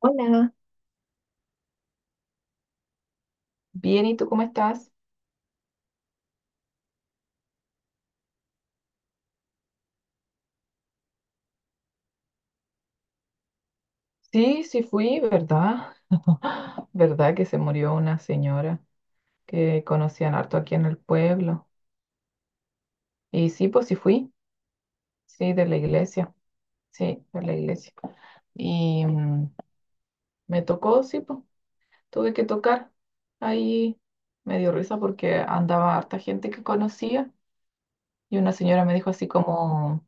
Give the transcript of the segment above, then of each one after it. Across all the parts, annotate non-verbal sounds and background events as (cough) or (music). Hola, bien, ¿y tú cómo estás? Sí, sí fui, ¿verdad? ¿Verdad que se murió una señora que conocían harto aquí en el pueblo? Y sí, pues sí fui, sí, de la iglesia, sí, de la iglesia. Y me tocó, sí, pues tuve que tocar. Ahí me dio risa porque andaba harta gente que conocía y una señora me dijo así como,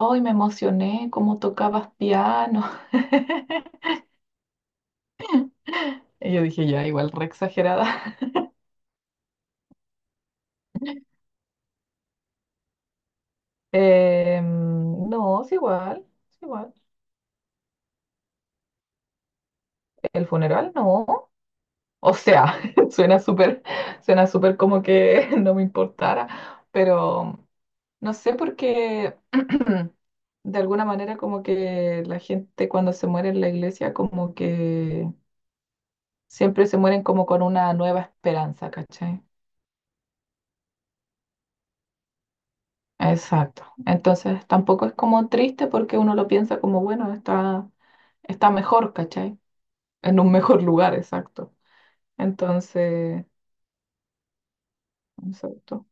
¡ay, me emocioné! ¿Cómo tocabas piano? (laughs) Y yo dije, ya, igual re exagerada. No, es igual, es igual. El funeral no. O sea, (laughs) suena súper, suena súper como que (laughs) no me importara, pero no sé porque (clears throat) de alguna manera como que la gente cuando se muere en la iglesia como que siempre se mueren como con una nueva esperanza, ¿cachai? Exacto. Entonces tampoco es como triste porque uno lo piensa como, bueno, está mejor, ¿cachai? En un mejor lugar, exacto. Entonces, exacto.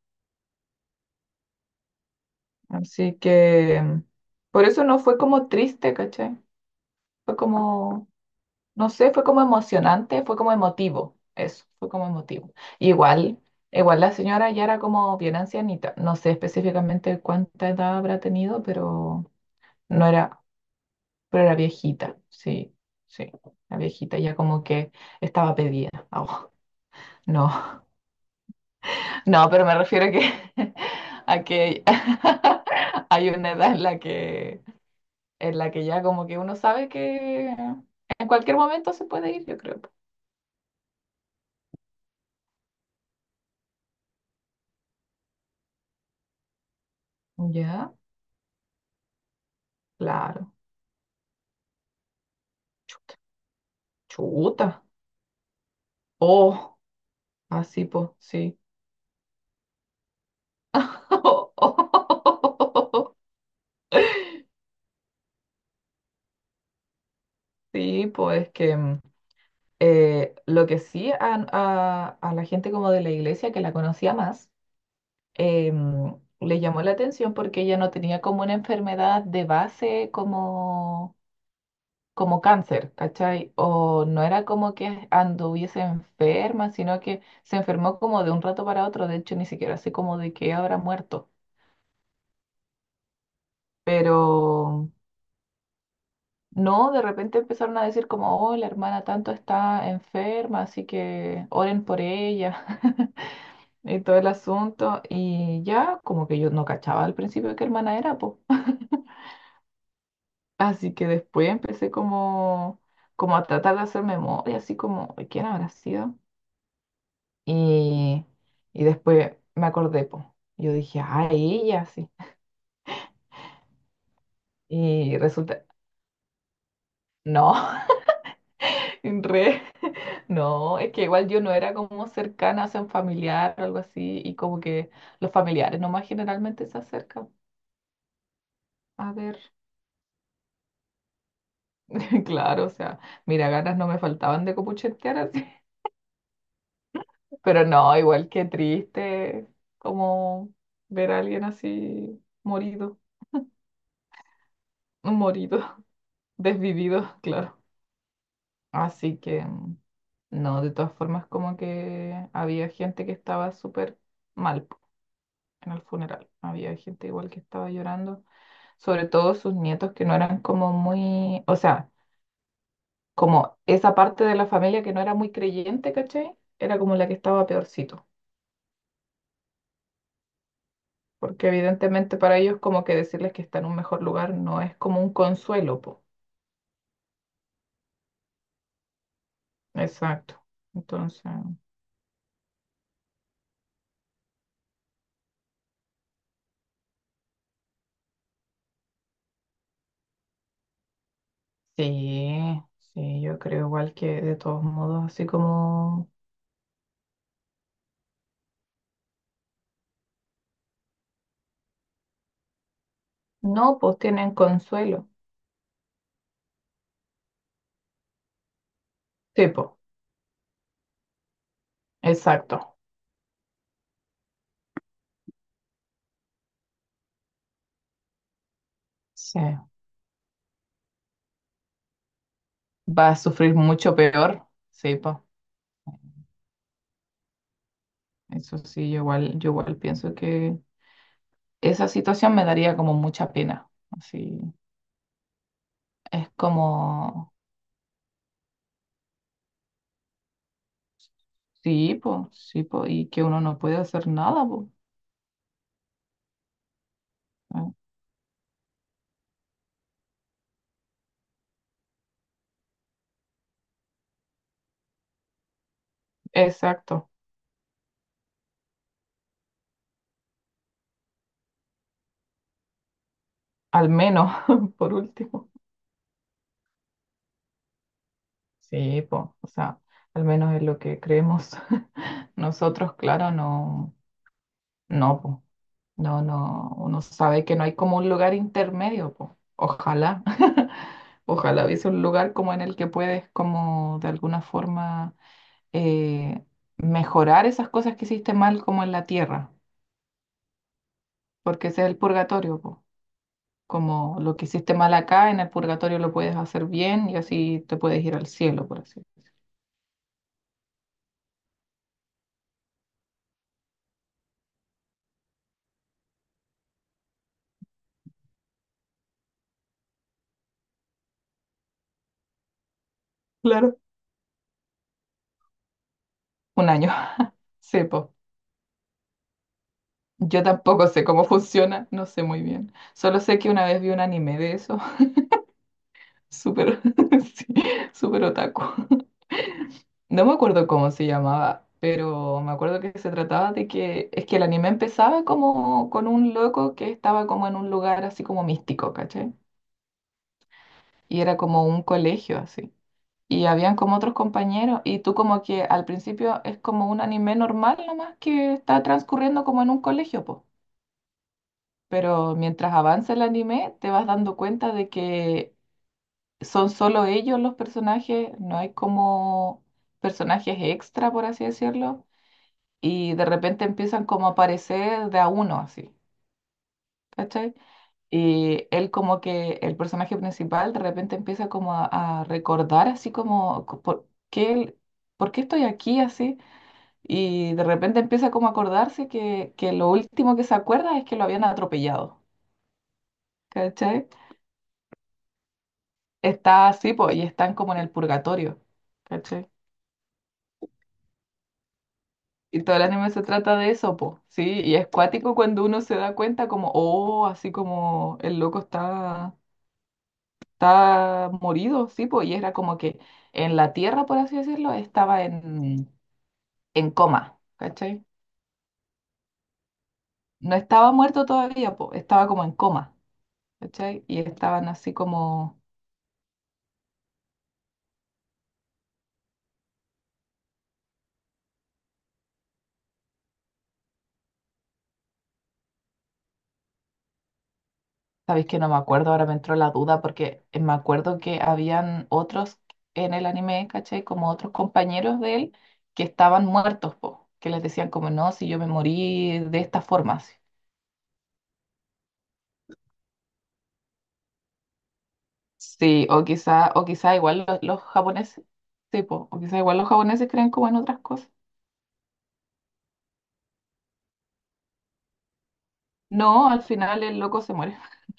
Así que por eso no fue como triste, ¿cachai? Fue como, no sé, fue como emocionante, fue como emotivo. Eso, fue como emotivo. Igual, igual la señora ya era como bien ancianita. No sé específicamente cuánta edad habrá tenido, pero no era, pero era viejita. Sí, sí. La viejita ya como que estaba pedida. (laughs) Ah, no. No, pero me refiero (laughs) a que (laughs) hay una edad en la en la que ya como que uno sabe que en cualquier momento se puede ir, yo creo. Ya, claro. Chuta. Oh, así pues, sí. (laughs) Sí, pues es que lo que sí a la gente como de la iglesia que la conocía más, eh, mm, le llamó la atención porque ella no tenía como una enfermedad de base como como cáncer, ¿cachai? O no era como que anduviese enferma, sino que se enfermó como de un rato para otro, de hecho ni siquiera sé como de qué habrá muerto, pero no, de repente empezaron a decir como, oh, la hermana tanto está enferma, así que oren por ella. (laughs) Y todo el asunto, y ya como que yo no cachaba al principio qué hermana era, pues. (laughs) Así que después empecé como, como a tratar de hacer memoria, así como, ¿quién habrá sido? Y, y después me acordé, po. Yo dije, ah, ella sí. Y resulta, no, (laughs) en re, no, es que igual yo no era como cercana, o sea, un familiar o algo así, y como que los familiares nomás generalmente se acercan. A ver, (laughs) claro, o sea, mira, ganas no me faltaban de copuchetear así. (laughs) Pero no, igual que triste, como ver a alguien así morido, morido, (laughs) desvivido, claro. Así que, no, de todas formas, como que había gente que estaba súper mal po, en el funeral. Había gente igual que estaba llorando, sobre todo sus nietos que no eran como muy, o sea, como esa parte de la familia que no era muy creyente, ¿cachai? Era como la que estaba peorcito. Porque evidentemente para ellos como que decirles que está en un mejor lugar no es como un consuelo, po. Exacto. Entonces, sí, sí, yo creo igual que de todos modos, así como... No, pues tienen consuelo. Sí, pues, exacto. Sí. Va a sufrir mucho peor. Sí, pues. Eso sí, yo igual pienso que esa situación me daría como mucha pena. Así, es como, sí, pues, y que uno no puede hacer nada, pues. ¿Eh? Exacto. Al menos, (laughs) por último. Sí, pues, o sea, al menos es lo que creemos (laughs) nosotros, claro, no, no, pues. No, no, uno sabe que no hay como un lugar intermedio, po. Ojalá, (laughs) ojalá hubiese un lugar como en el que puedes como de alguna forma eh, mejorar esas cosas que hiciste mal como en la tierra, porque ese es el purgatorio, po. Como lo que hiciste mal acá, en el purgatorio lo puedes hacer bien y así te puedes ir al cielo, por así. Claro. Un año. (laughs) Sí, po. Yo tampoco sé cómo funciona, no sé muy bien. Solo sé que una vez vi un anime de eso. Súper, (laughs) sí, súper otaku. No me acuerdo cómo se llamaba, pero me acuerdo que se trataba de que es que el anime empezaba como con un loco que estaba como en un lugar así como místico, ¿cachai? Y era como un colegio así. Y habían como otros compañeros y tú como que al principio es como un anime normal nomás que está transcurriendo como en un colegio, po. Pero mientras avanza el anime te vas dando cuenta de que son solo ellos los personajes, no hay como personajes extra, por así decirlo, y de repente empiezan como a aparecer de a uno, así, ¿cachai? Y él como que, el personaje principal de repente empieza como a recordar así como, ¿por qué, por qué estoy aquí así? Y de repente empieza como a acordarse que lo último que se acuerda es que lo habían atropellado, ¿cachai? Está así, pues, y están como en el purgatorio, ¿cachai? Y todo el anime se trata de eso, po, ¿sí? Y es cuático cuando uno se da cuenta como, oh, así como el loco está, está morido, ¿sí? Po? Y era como que en la tierra, por así decirlo, estaba en coma, ¿cachai? No estaba muerto todavía, po, estaba como en coma, ¿cachai? Y estaban así como. Sabéis que no me acuerdo, ahora me entró la duda porque me acuerdo que habían otros en el anime, ¿cachai? Como otros compañeros de él que estaban muertos, po, que les decían como, no, si yo me morí de esta forma. Así". Sí, o quizá igual los japoneses, sí, po, o quizá igual los japoneses creen como en otras cosas. No, al final el loco se muere. (laughs)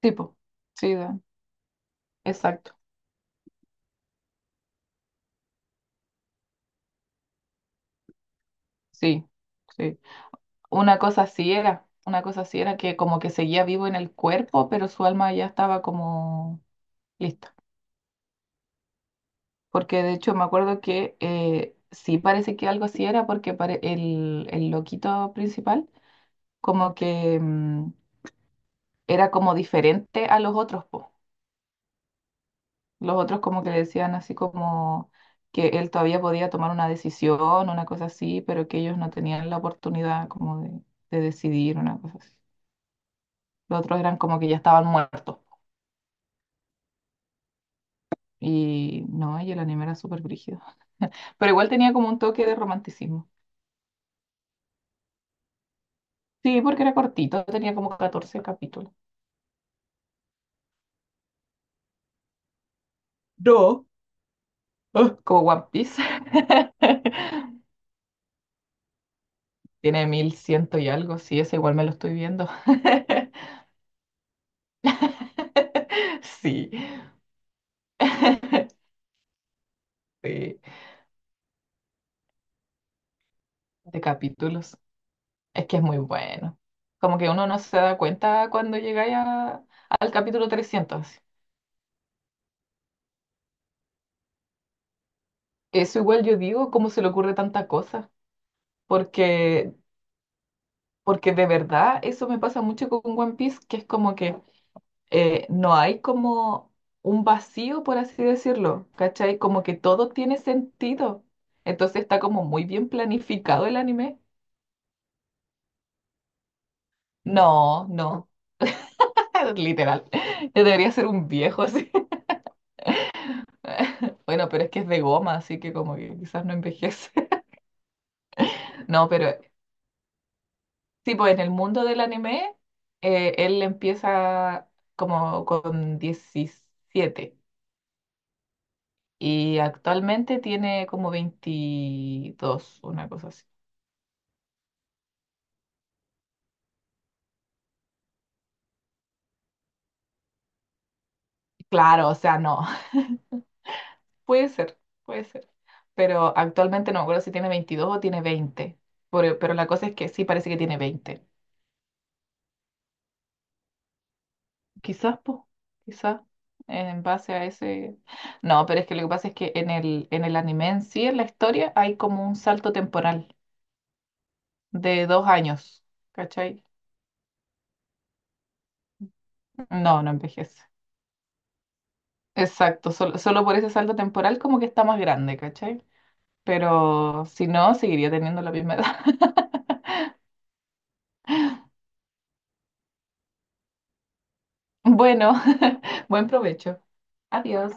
Tipo, sí, da- exacto, sí, sí. Una cosa así era, una cosa así era que como que seguía vivo en el cuerpo, pero su alma ya estaba como. Listo. Porque de hecho me acuerdo que sí parece que algo así era porque el loquito principal como que era como diferente a los otros, po. Los otros como que le decían así como que él todavía podía tomar una decisión, una cosa así, pero que ellos no tenían la oportunidad como de decidir una cosa así. Los otros eran como que ya estaban muertos. Y no, y el anime era súper brígido. Pero igual tenía como un toque de romanticismo. Sí, porque era cortito, tenía como 14 capítulos. No, ah, como One Piece. (laughs) Tiene 1100 y algo, sí, ese igual me lo estoy viendo. (laughs) Sí, (laughs) sí, de capítulos. Es que es muy bueno. Como que uno no se da cuenta cuando llegáis a- al capítulo 300. Así. Eso igual yo digo, ¿cómo se le ocurre tanta cosa? Porque, porque de verdad eso me pasa mucho con One Piece, que es como que no hay como un vacío, por así decirlo, ¿cachai? Como que todo tiene sentido. Entonces está como muy bien planificado el anime. No, no, (laughs) literal. Yo debería ser un viejo así. (laughs) Bueno, pero es que es de goma, así que como que quizás no envejece. (laughs) No, pero sí, pues en el mundo del anime, él empieza como con 17 y actualmente tiene como 22 una cosa así. Claro, o sea, no. (laughs) Puede ser, puede ser. Pero actualmente no me acuerdo si tiene 22 o tiene 20. Pero la cosa es que sí parece que tiene 20. Quizás, pues, quizás en base a ese... No, pero es que lo que pasa es que en el anime en sí, en la historia, hay como un salto temporal de 2 años. ¿Cachai? No, no envejece. Exacto, solo, solo por ese salto temporal como que está más grande, ¿cachai? Pero si no, seguiría teniendo la misma edad. (laughs) Bueno, (laughs) buen provecho. Adiós.